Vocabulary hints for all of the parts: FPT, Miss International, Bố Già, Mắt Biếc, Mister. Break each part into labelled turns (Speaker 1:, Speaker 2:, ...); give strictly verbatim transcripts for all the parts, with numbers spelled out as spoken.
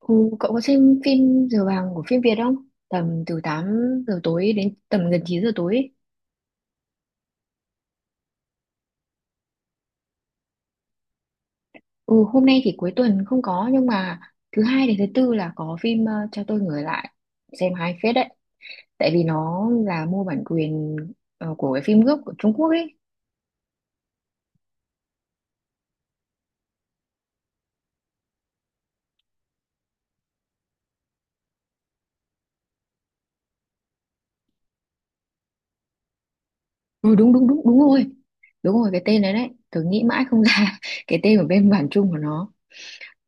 Speaker 1: Ừ, cậu có xem phim Giờ vàng của phim Việt không? Tầm từ tám giờ tối đến tầm gần chín giờ tối ấy. Ừ, hôm nay thì cuối tuần không có nhưng mà thứ hai đến thứ tư là có phim ờ, Cho tôi người lại. Xem hai phết đấy. Tại vì nó là mua bản quyền ờ, của cái phim gốc của Trung Quốc ấy. Ừ, đúng đúng đúng đúng rồi. Đúng rồi, cái tên đấy đấy. Tớ nghĩ mãi không ra cái tên của bên bản Trung của nó.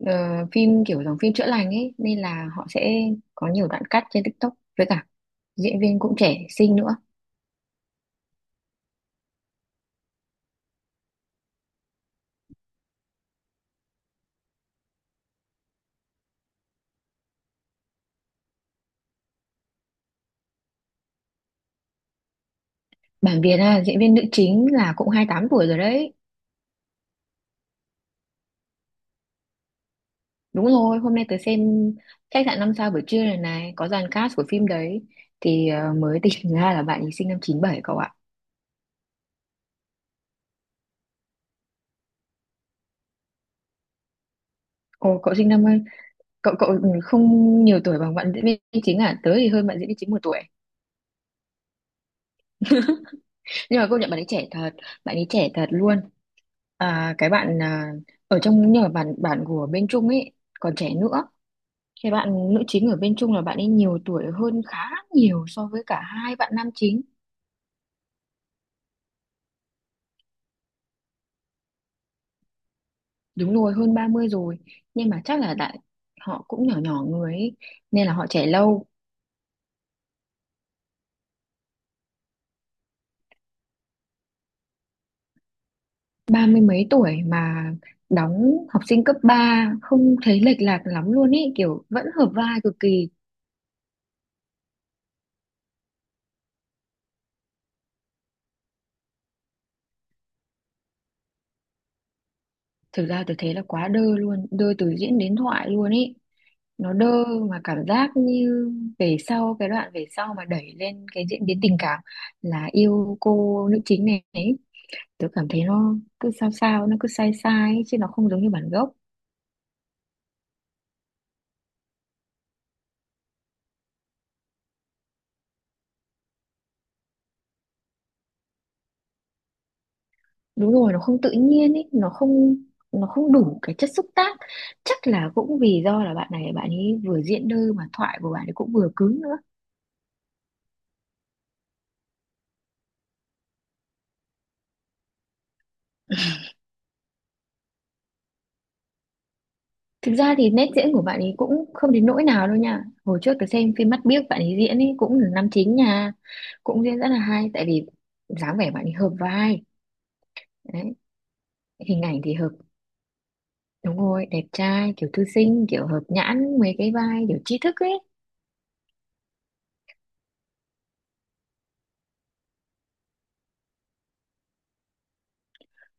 Speaker 1: Ờ, phim kiểu dòng phim chữa lành ấy nên là họ sẽ có nhiều đoạn cắt trên TikTok với cả diễn viên cũng trẻ xinh nữa. Bản Việt à, diễn viên nữ chính là cũng hai tám tuổi rồi đấy. Đúng rồi, hôm nay tớ xem khách sạn năm sao buổi trưa này này, có dàn cast của phim đấy. Thì ờ, mới tỉnh ra là bạn ấy sinh năm chín bảy cậu ạ. Ồ, cậu sinh năm, cậu cậu không nhiều tuổi bằng bạn diễn viên chính à? Tớ thì hơn bạn diễn viên chính một tuổi. Nhưng mà công nhận bạn ấy trẻ thật, bạn ấy trẻ thật luôn. À, cái bạn à, ở trong, nhưng mà bạn, bạn của bên Trung ấy, còn trẻ nữa. Cái bạn nữ chính ở bên Trung là bạn ấy nhiều tuổi hơn khá nhiều so với cả hai bạn nam chính. Đúng rồi, hơn ba mươi rồi. Nhưng mà chắc là đại họ cũng nhỏ nhỏ người ấy, nên là họ trẻ lâu. Ba mươi mấy tuổi mà đóng học sinh cấp ba không thấy lệch lạc lắm luôn ý, kiểu vẫn hợp vai cực kỳ. Thực ra tôi thấy là quá đơ luôn, đơ từ diễn đến thoại luôn ý. Nó đơ mà cảm giác như về sau, cái đoạn về sau mà đẩy lên cái diễn biến tình cảm là yêu cô nữ chính này ấy. Tôi cảm thấy nó cứ sao sao, nó cứ sai sai ấy, chứ nó không giống như bản gốc. Đúng rồi, nó không tự nhiên ấy, nó không nó không đủ cái chất xúc tác, chắc là cũng vì do là bạn này bạn ấy vừa diễn đơ mà thoại của bạn ấy cũng vừa cứng nữa. Thực ra thì nét diễn của bạn ấy cũng không đến nỗi nào đâu nha, hồi trước tôi xem phim Mắt Biếc bạn ấy diễn ấy cũng là nam chính nha, cũng diễn rất là hay, tại vì dáng vẻ bạn ấy hợp vai đấy, hình ảnh thì hợp. Đúng rồi, đẹp trai kiểu thư sinh, kiểu hợp nhãn mấy cái vai kiểu tri thức ấy.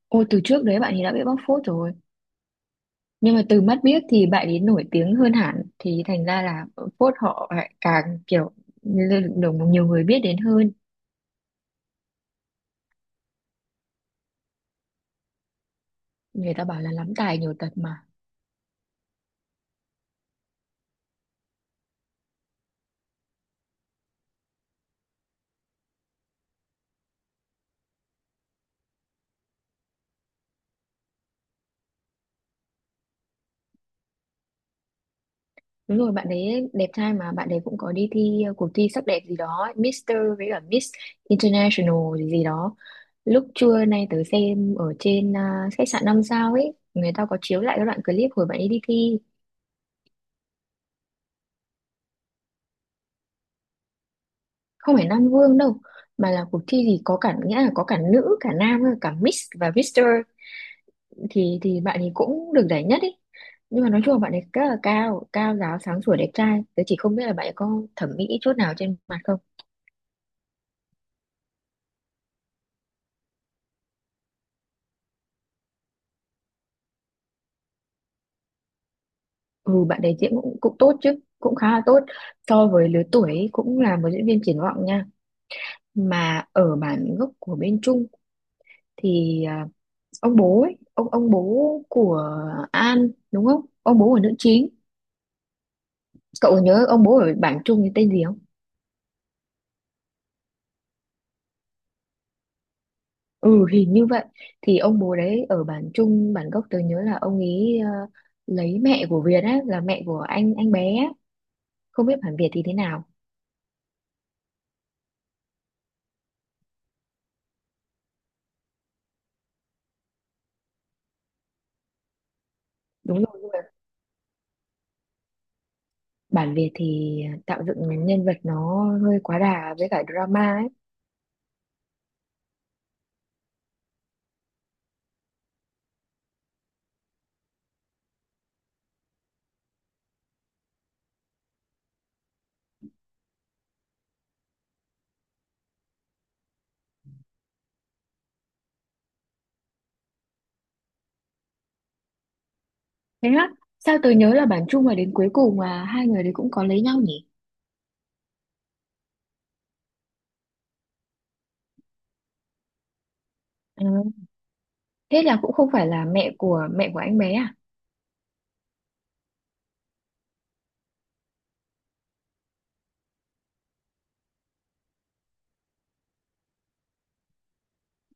Speaker 1: Ôi, từ trước đấy bạn ấy đã bị bóc phốt rồi. Nhưng mà từ Mắt biết thì bạn ấy nổi tiếng hơn hẳn thì thành ra là phốt họ lại càng kiểu lên được nhiều người biết đến hơn. Người ta bảo là lắm tài nhiều tật mà. Đúng rồi, bạn ấy đẹp trai mà bạn ấy cũng có đi thi uh, cuộc thi sắc đẹp gì đó, Mister với cả Miss International gì gì đó. Lúc trưa nay tớ xem ở trên uh, khách sạn năm sao ấy, người ta có chiếu lại cái đoạn clip hồi bạn ấy đi thi, không phải Nam Vương đâu, mà là cuộc thi gì có cả, nghĩa là có cả nữ, cả nam, cả Miss và Mister, thì thì bạn ấy cũng được giải nhất ý, nhưng mà nói chung là bạn ấy rất là cao cao ráo sáng sủa đẹp trai, tớ chỉ không biết là bạn ấy có thẩm mỹ chút nào trên mặt không. Ừ, bạn ấy diễn cũng, cũng tốt chứ, cũng khá là tốt so với lứa tuổi ấy, cũng là một diễn viên triển vọng nha. Mà ở bản gốc của bên Trung thì à, ông bố ấy ông ông bố của An, đúng không, ông bố của nữ chính, cậu nhớ ông bố ở bản Trung thì tên gì không? Ừ, hình như vậy, thì ông bố đấy ở bản Trung bản gốc tớ nhớ là ông ấy ờ, lấy mẹ của Việt á, là mẹ của anh anh bé á. Không biết bản Việt thì thế nào. Đúng rồi, nhưng mà bản Việt thì tạo dựng nhân vật nó hơi quá đà với cả drama ấy. Thế á, sao tớ nhớ là bản Trung mà đến cuối cùng mà hai người đấy cũng có lấy nhau nhỉ. Ừ. Thế là cũng không phải là mẹ của mẹ của anh bé à?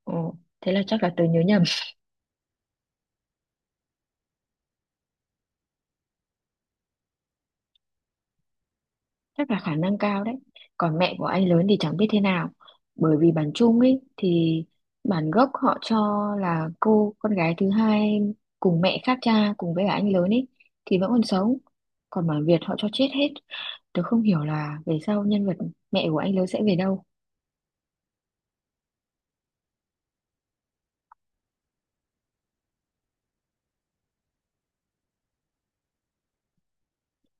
Speaker 1: Ồ, thế là chắc là tớ nhớ nhầm. Chắc là khả năng cao đấy. Còn mẹ của anh lớn thì chẳng biết thế nào, bởi vì bản chung ấy thì bản gốc họ cho là cô con gái thứ hai cùng mẹ khác cha cùng với cả anh lớn ấy thì vẫn còn sống, còn bản Việt họ cho chết hết. Tớ không hiểu là về sau nhân vật mẹ của anh lớn sẽ về đâu.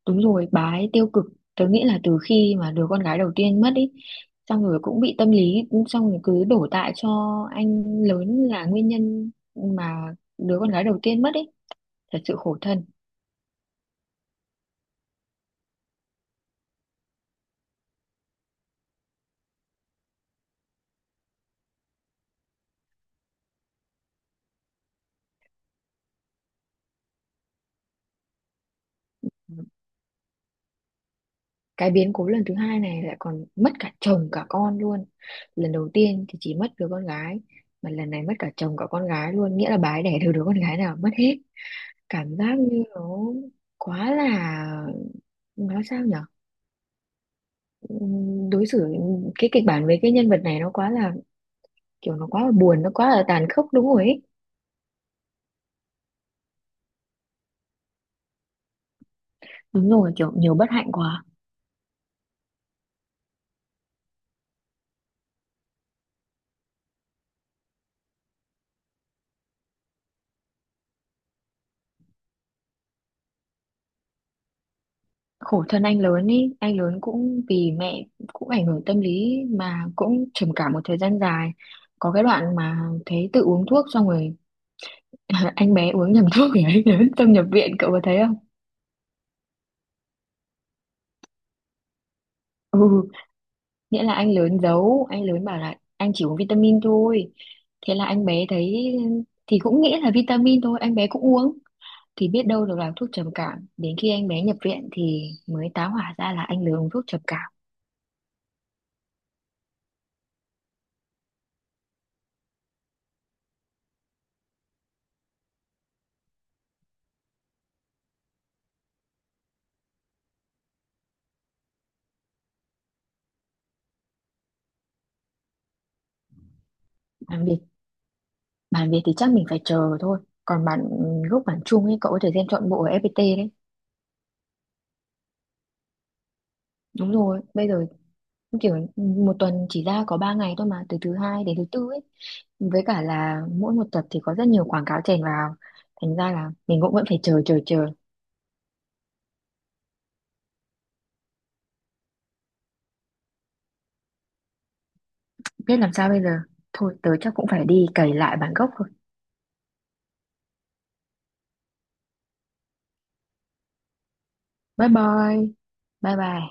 Speaker 1: Đúng rồi, bà ấy tiêu cực, tớ nghĩ là từ khi mà đứa con gái đầu tiên mất ấy, xong rồi cũng bị tâm lý, xong rồi cứ đổ tại cho anh lớn là nguyên nhân mà đứa con gái đầu tiên mất ý, thật sự khổ thân. Cái biến cố lần thứ hai này lại còn mất cả chồng cả con luôn, lần đầu tiên thì chỉ mất đứa con gái, mà lần này mất cả chồng cả con gái luôn, nghĩa là bà ấy đẻ được đứa con gái nào mất hết, cảm giác như nó quá là, nói sao nhở, ừm, đối xử, cái kịch bản với cái nhân vật này nó quá là, kiểu nó quá là buồn, nó quá là tàn khốc, đúng rồi ấy. Đúng rồi, kiểu nhiều bất hạnh quá. Khổ thân anh lớn ý, anh lớn cũng vì mẹ cũng ảnh hưởng tâm lý mà cũng trầm cảm một thời gian dài, có cái đoạn mà thấy tự uống thuốc xong rồi anh bé uống nhầm thuốc thì anh lớn tâm nhập viện, cậu có thấy không? Ừ, nghĩa là anh lớn giấu, anh lớn bảo là anh chỉ uống vitamin thôi, thế là anh bé thấy thì cũng nghĩ là vitamin thôi, anh bé cũng uống, thì biết đâu được là thuốc trầm cảm, đến khi anh bé nhập viện thì mới tá hỏa ra là anh lớn uống thuốc trầm cảm. Làm việc. Bản Việt thì chắc mình phải chờ thôi. Còn bản gốc bản Trung ấy cậu có thể xem trọn bộ ở ép pê tê đấy. Đúng rồi, bây giờ kiểu một tuần chỉ ra có ba ngày thôi mà, từ thứ hai đến thứ tư ấy. Với cả là mỗi một tập thì có rất nhiều quảng cáo chèn vào. Thành ra là mình cũng vẫn phải chờ chờ chờ. Biết làm sao bây giờ. Thôi tớ chắc cũng phải đi cày lại bản gốc thôi. Bye bye. Bye bye.